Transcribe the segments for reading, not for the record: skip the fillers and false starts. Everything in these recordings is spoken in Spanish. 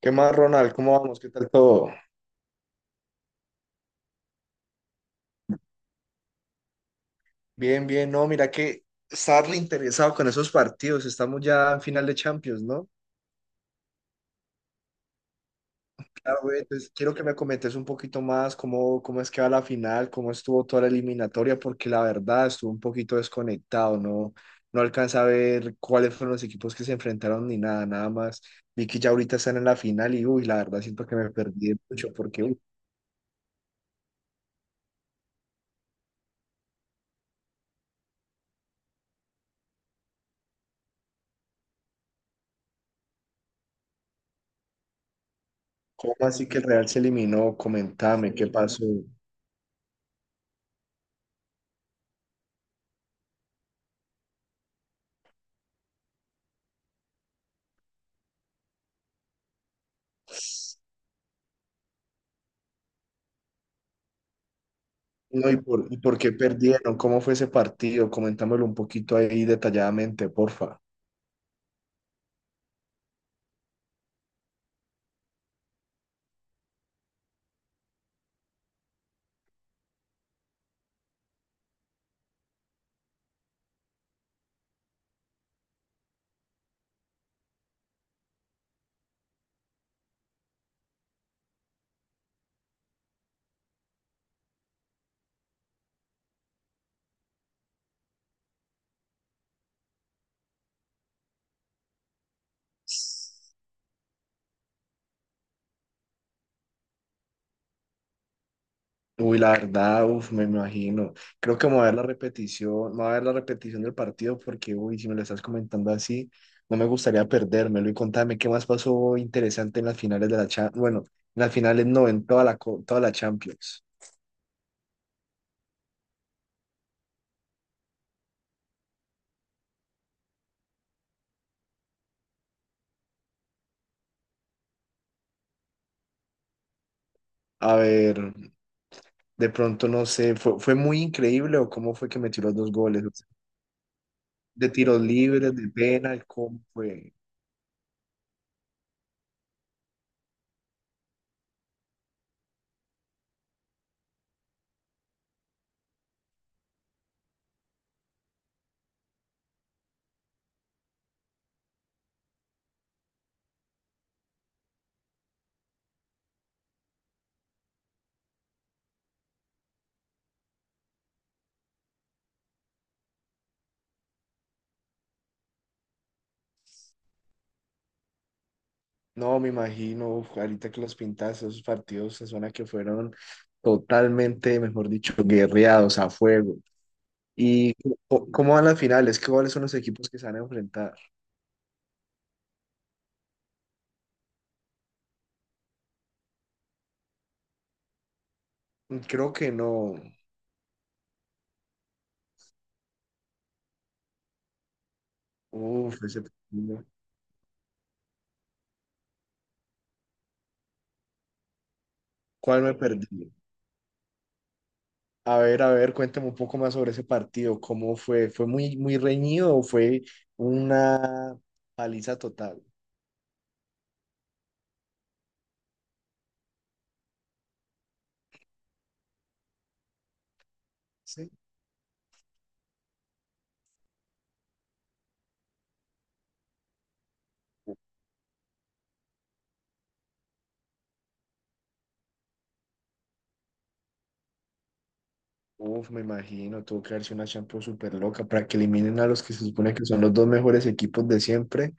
¿Qué más, Ronald? ¿Cómo vamos? ¿Qué tal todo? Bien, bien. No, mira que está interesado con esos partidos. Estamos ya en final de Champions, ¿no? Claro, güey. Entonces, quiero que me comentes un poquito más cómo es que va la final, cómo estuvo toda la eliminatoria, porque la verdad estuvo un poquito desconectado, ¿no? No alcanza a ver cuáles fueron los equipos que se enfrentaron ni nada, nada más. Vi que ya ahorita están en la final y, uy, la verdad siento que me perdí mucho, porque, ¿cómo así que el Real se eliminó? Comentame, ¿qué pasó? No, ¿y por qué perdieron? ¿Cómo fue ese partido? Comentámoslo un poquito ahí detalladamente, porfa. Uy, la verdad, uf, me imagino. Creo que me voy a ver la repetición, me voy a ver la repetición del partido porque, uy, si me lo estás comentando así, no me gustaría perdérmelo. Y contame qué más pasó interesante en las finales de la Champions. Bueno, en las finales no, en toda la Champions. A ver, de pronto no sé, ¿fue muy increíble o cómo fue que metió los dos goles? ¿De tiros libres, de penal? ¿Cómo fue? No, me imagino, uf, ahorita que los pintas, esos partidos se suena que fueron totalmente, mejor dicho, guerreados a fuego. ¿Y cómo van las finales? ¿Cuáles son los equipos que se van a enfrentar? Creo que no. Uf, ese partido. ¿Cuál me perdí? A ver, cuéntame un poco más sobre ese partido. ¿Cómo fue? ¿Fue muy reñido o fue una paliza total? Sí. Uf, me imagino, tuvo que haberse una Champions súper loca para que eliminen a los que se supone que son los dos mejores equipos de siempre.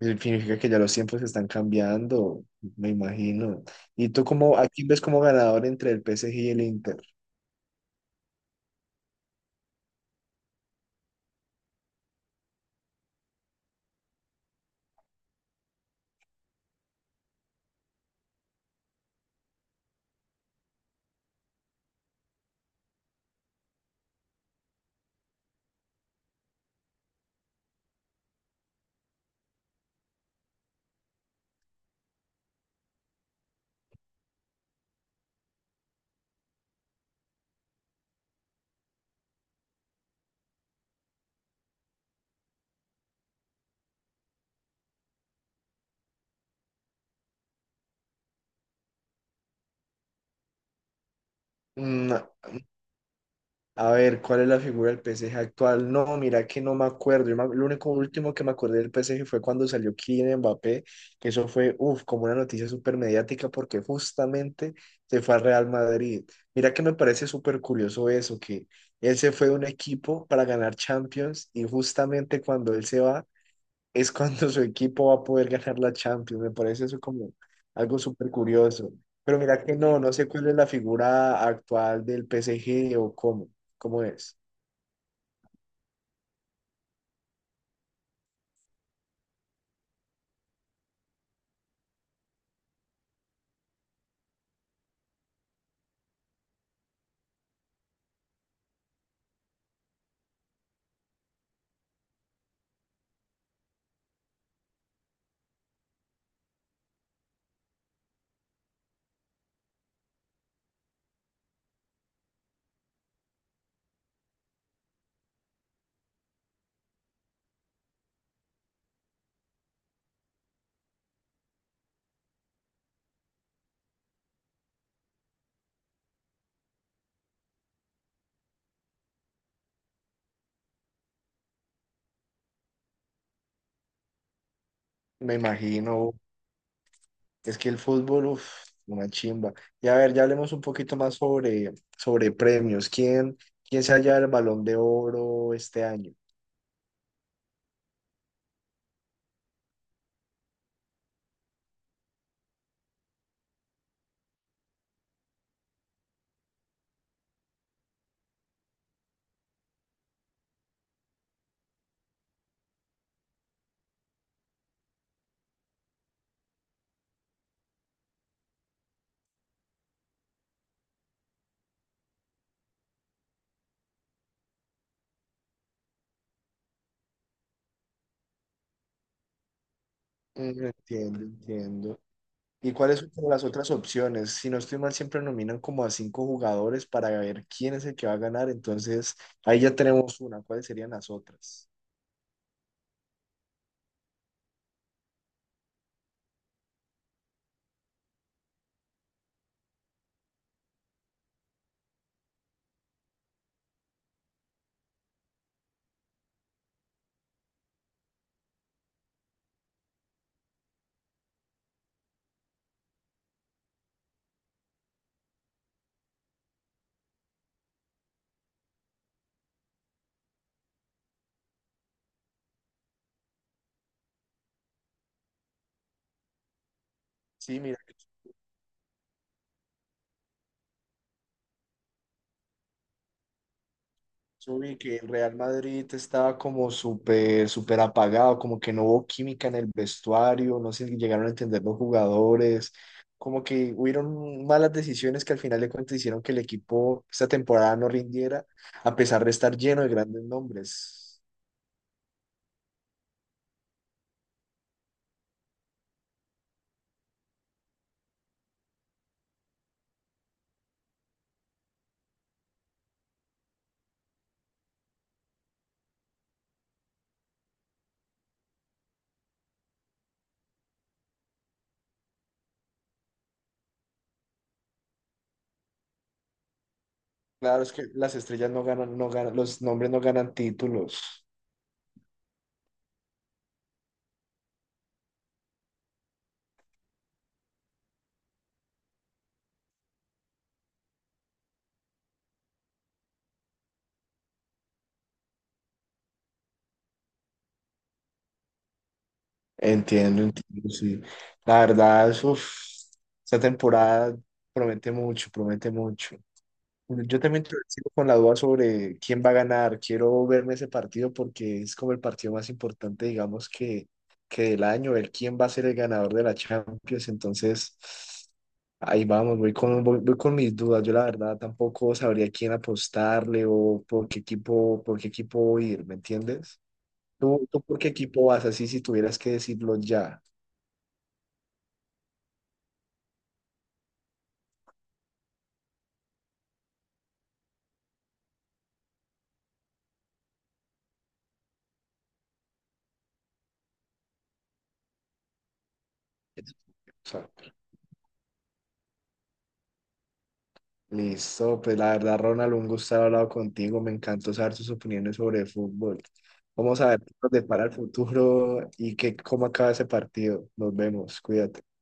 Significa que ya los tiempos están cambiando, me imagino. ¿Y tú cómo a quién ves como ganador entre el PSG y el Inter? Mm. A ver, ¿cuál es la figura del PSG actual? No, mira que no me acuerdo. Lo único último que me acordé del PSG fue cuando salió Kylian Mbappé, que eso fue, uff, como una noticia súper mediática porque justamente se fue al Real Madrid. Mira que me parece súper curioso eso, que él se fue de un equipo para ganar Champions y justamente cuando él se va es cuando su equipo va a poder ganar la Champions. Me parece eso como algo súper curioso. Pero mira que no, no sé cuál es la figura actual del PSG o cómo es. Me imagino, es que el fútbol, uf, una chimba. Y a ver, ya hablemos un poquito más sobre, sobre premios. ¿Quién se halla el Balón de Oro este año? Mm. Entiendo, entiendo. ¿Y cuáles son como las otras opciones? Si no estoy mal, siempre nominan como a cinco jugadores para ver quién es el que va a ganar. Entonces, ahí ya tenemos una. ¿Cuáles serían las otras? Sí, mira, yo vi que el Real Madrid estaba como súper apagado, como que no hubo química en el vestuario, no se llegaron a entender los jugadores, como que hubieron malas decisiones que al final de cuentas hicieron que el equipo esta temporada no rindiera, a pesar de estar lleno de grandes nombres. Claro, es que las estrellas no ganan, no ganan, los nombres no ganan títulos. Entiendo, entiendo, sí. La verdad, uf, esta temporada promete mucho, promete mucho. Sigo con la duda sobre quién va a ganar. Quiero verme ese partido porque es como el partido más importante, digamos, que del año, el quién va a ser el ganador de la Champions. Entonces, ahí vamos, voy con mis dudas. Yo la verdad tampoco sabría quién apostarle o por qué equipo ir, ¿me entiendes? ¿Tú por qué equipo vas así si tuvieras que decirlo ya? Listo, pues la verdad, Ronald, un gusto haber hablado contigo. Me encantó saber tus opiniones sobre el fútbol. Vamos a ver qué nos depara el futuro y qué, cómo acaba ese partido. Nos vemos, cuídate.